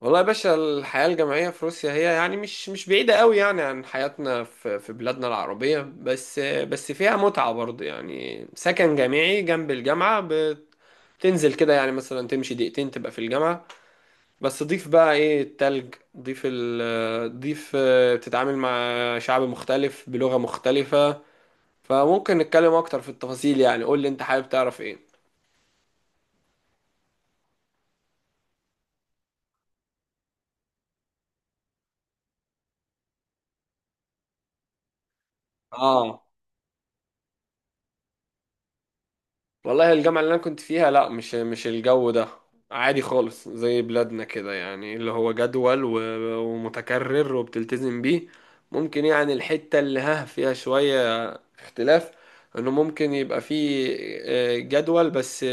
والله يا باشا، الحياة الجامعية في روسيا هي يعني مش بعيدة قوي يعني عن حياتنا في بلادنا العربية، بس فيها متعة برضه. يعني سكن جامعي جنب الجامعة، بتنزل كده يعني مثلا تمشي دقيقتين تبقى في الجامعة. بس ضيف بقى ايه التلج، ضيف، بتتعامل مع شعب مختلف بلغة مختلفة. فممكن نتكلم اكتر في التفاصيل. يعني قول لي انت حابب تعرف ايه. اه، والله الجامعة اللي أنا كنت فيها لا، مش الجو ده. عادي خالص زي بلادنا كده، يعني اللي هو جدول ومتكرر وبتلتزم بيه. ممكن يعني الحتة اللي ها فيها شوية اختلاف، إنه ممكن يبقى فيه جدول بس. آه،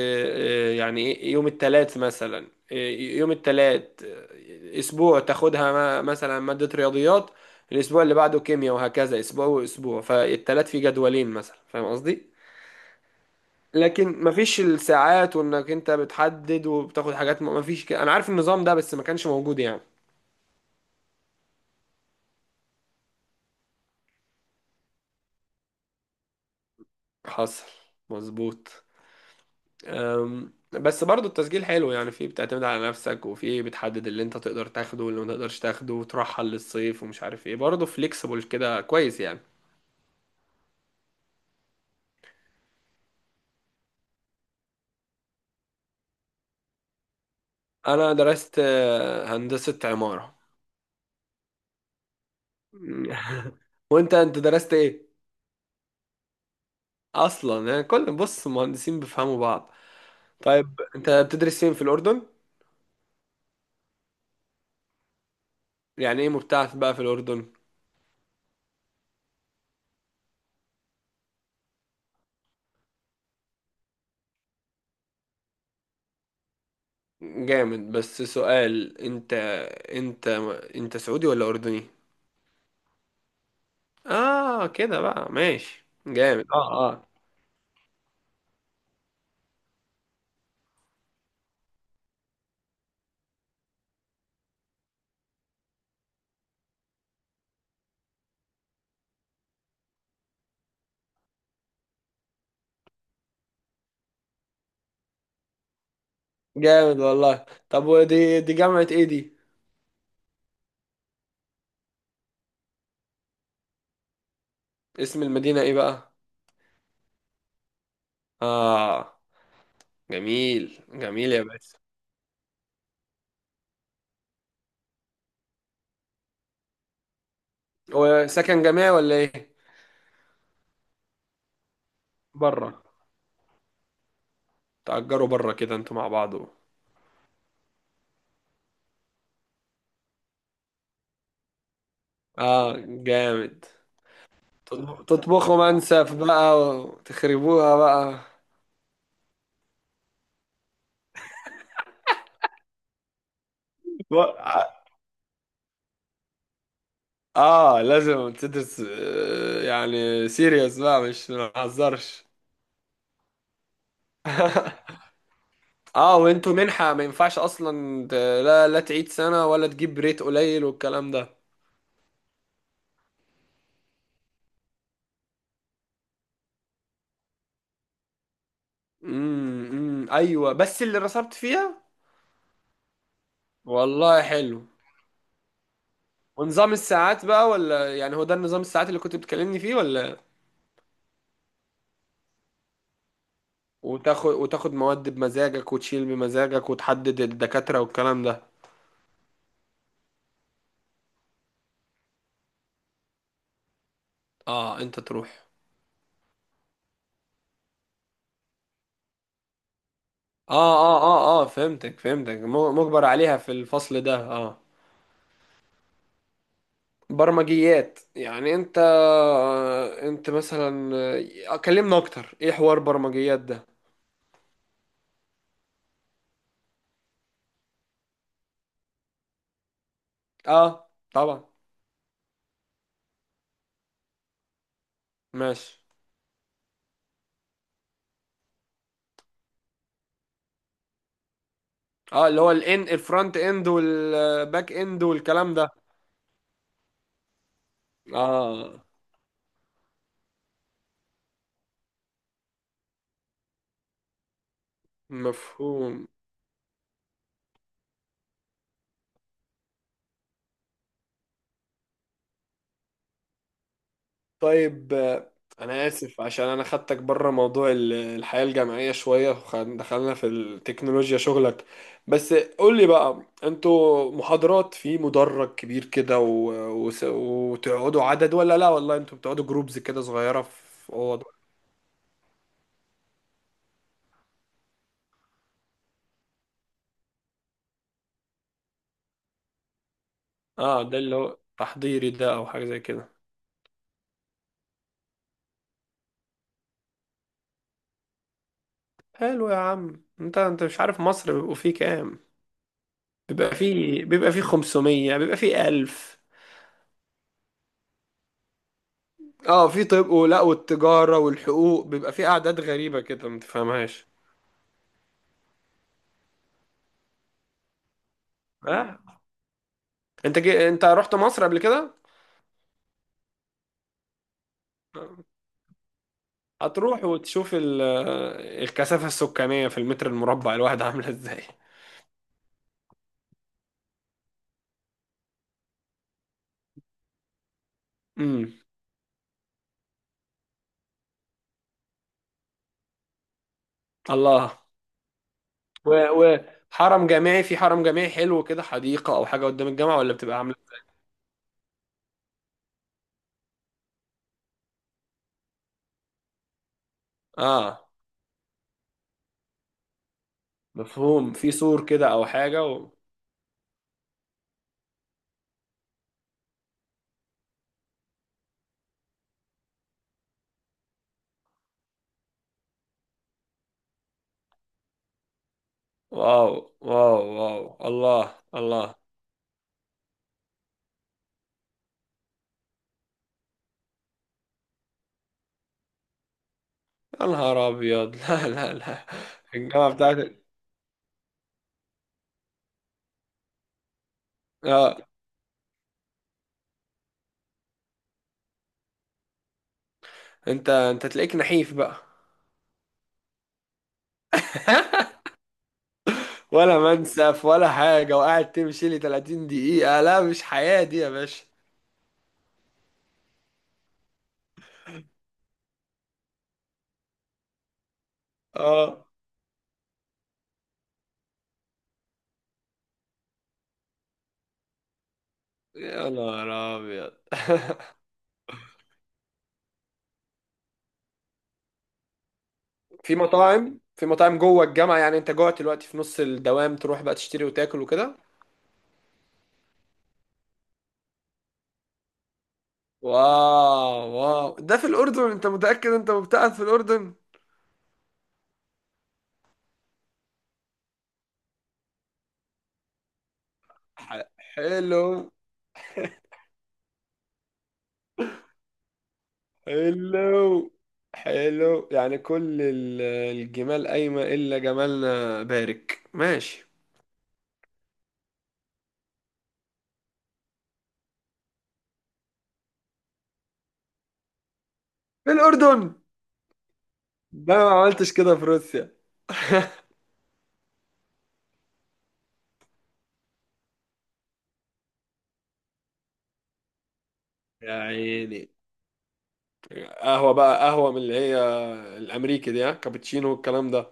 آه، يعني يوم التلات مثلا، يوم التلات أسبوع تاخدها مثلا مادة رياضيات، الأسبوع اللي بعده كيمياء، وهكذا أسبوع وأسبوع. فالتلات في جدولين مثلا، فاهم قصدي؟ لكن مفيش الساعات وانك انت بتحدد وبتاخد حاجات، مفيش انا عارف النظام ده بس ما كانش موجود يعني. حصل. مظبوط. بس برضو التسجيل حلو. يعني فيه بتعتمد على نفسك، وفيه بتحدد اللي انت تقدر تاخده واللي ما تقدرش تاخده وترحل للصيف ومش عارف ايه. برضو فليكسبل كده، كويس يعني. انا درست هندسة عمارة. وانت درست ايه؟ اصلا يعني كل، بص، المهندسين بيفهموا بعض. طيب انت بتدرس فين في الاردن؟ يعني ايه مبتعث بقى في الاردن؟ جامد. بس سؤال، انت انت سعودي ولا اردني؟ اه، كده بقى ماشي. جامد. اه اه. جامد والله. طب دي جامعة ايه دي؟ اسم المدينة ايه بقى؟ اه، جميل جميل يا باشا. وسكن جامعي ولا ايه؟ بره. تأجروا بره كده انتوا مع بعض. اه، جامد. تطبخوا منسف بقى وتخربوها بقى. اه، لازم تدرس. يعني سيريس بقى، مش ما نهزرش. اه، وانتوا منحة، ما ينفعش اصلا لا لا، تعيد سنة ولا تجيب ريت قليل والكلام ده. ايوه، بس اللي رسبت فيها. والله حلو. ونظام الساعات بقى؟ ولا يعني هو ده النظام، الساعات اللي كنت بتكلمني فيه ولا؟ وتاخد مواد بمزاجك وتشيل بمزاجك وتحدد الدكاترة والكلام ده. اه، انت تروح. اه اه اه اه، فهمتك فهمتك، مجبر عليها في الفصل ده، اه. برمجيات يعني انت مثلا كلمنا اكتر، ايه حوار برمجيات ده؟ اه، طبعا. ماشي. اه، اللي هو الان الفرونت اند والباك اند والكلام ده. اه، مفهوم. طيب انا اسف عشان انا خدتك بره موضوع الحياة الجامعية شوية ودخلنا في التكنولوجيا شغلك. بس قول لي بقى، انتوا محاضرات في مدرج كبير كده وتقعدوا عدد، ولا لا والله انتوا بتقعدوا جروبز كده صغيرة في اوض؟ اه، ده اللي هو تحضيري ده او حاجة زي كده. حلو يا عم. انت مش عارف مصر بيبقوا فيه كام. بيبقى فيه 500، بيبقى فيه 1000. اه، في طب، ولا والتجارة والحقوق بيبقى في أعداد غريبة كده ما تفهمهاش. اه، انت رحت مصر قبل كده؟ آه. هتروح وتشوف ال... الكثافة السكانية في المتر المربع الواحد عاملة ازاي. امم. الله. و... و... حرم جامعي؟ في حرم جامعي حلو كده، حديقة أو حاجة قدام الجامعة، ولا بتبقى عاملة؟ اه، مفهوم. في سور كده أو حاجة واو. واو واو. الله الله. يا نهار أبيض. لا لا لا، الجامعة بتاعتك! اه، انت تلاقيك نحيف بقى، ولا منسف ولا حاجة وقاعد تمشي لي 30 دقيقة؟ لا، مش حياة دي يا باشا. اه، يا نهار ابيض. في مطاعم، في مطاعم جوه الجامعة يعني؟ انت جوه دلوقتي في نص الدوام تروح بقى تشتري وتاكل وكده. واو واو، ده في الأردن؟ انت متأكد انت مبتعد في الأردن؟ حلو. حلو. حلو يعني، كل الجمال قايمة إلا جمالنا، بارك. ماشي، في الأردن ده ما عملتش كده في روسيا. يا عيني. قهوة بقى؟ قهوة من اللي هي الأمريكي دي، ها، كابتشينو والكلام ده؟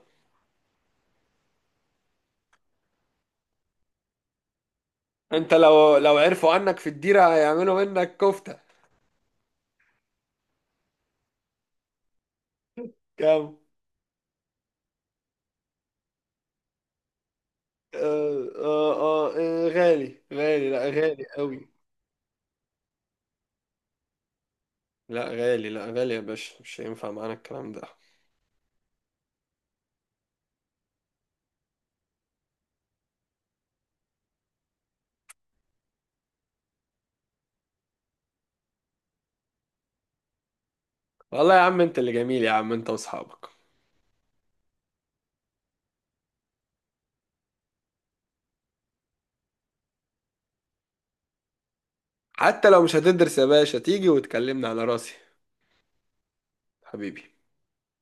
أنت لو عرفوا عنك في الديرة هيعملوا منك كفتة. كام؟ غالي غالي، لا غالي قوي. لا غالي، لا غالي يا باشا، مش هينفع معانا الكلام ده. والله يا عم أنت اللي جميل، يا عم أنت وأصحابك. حتى لو مش هتدرس يا باشا، تيجي وتكلمنا، على راسي. حبيبي.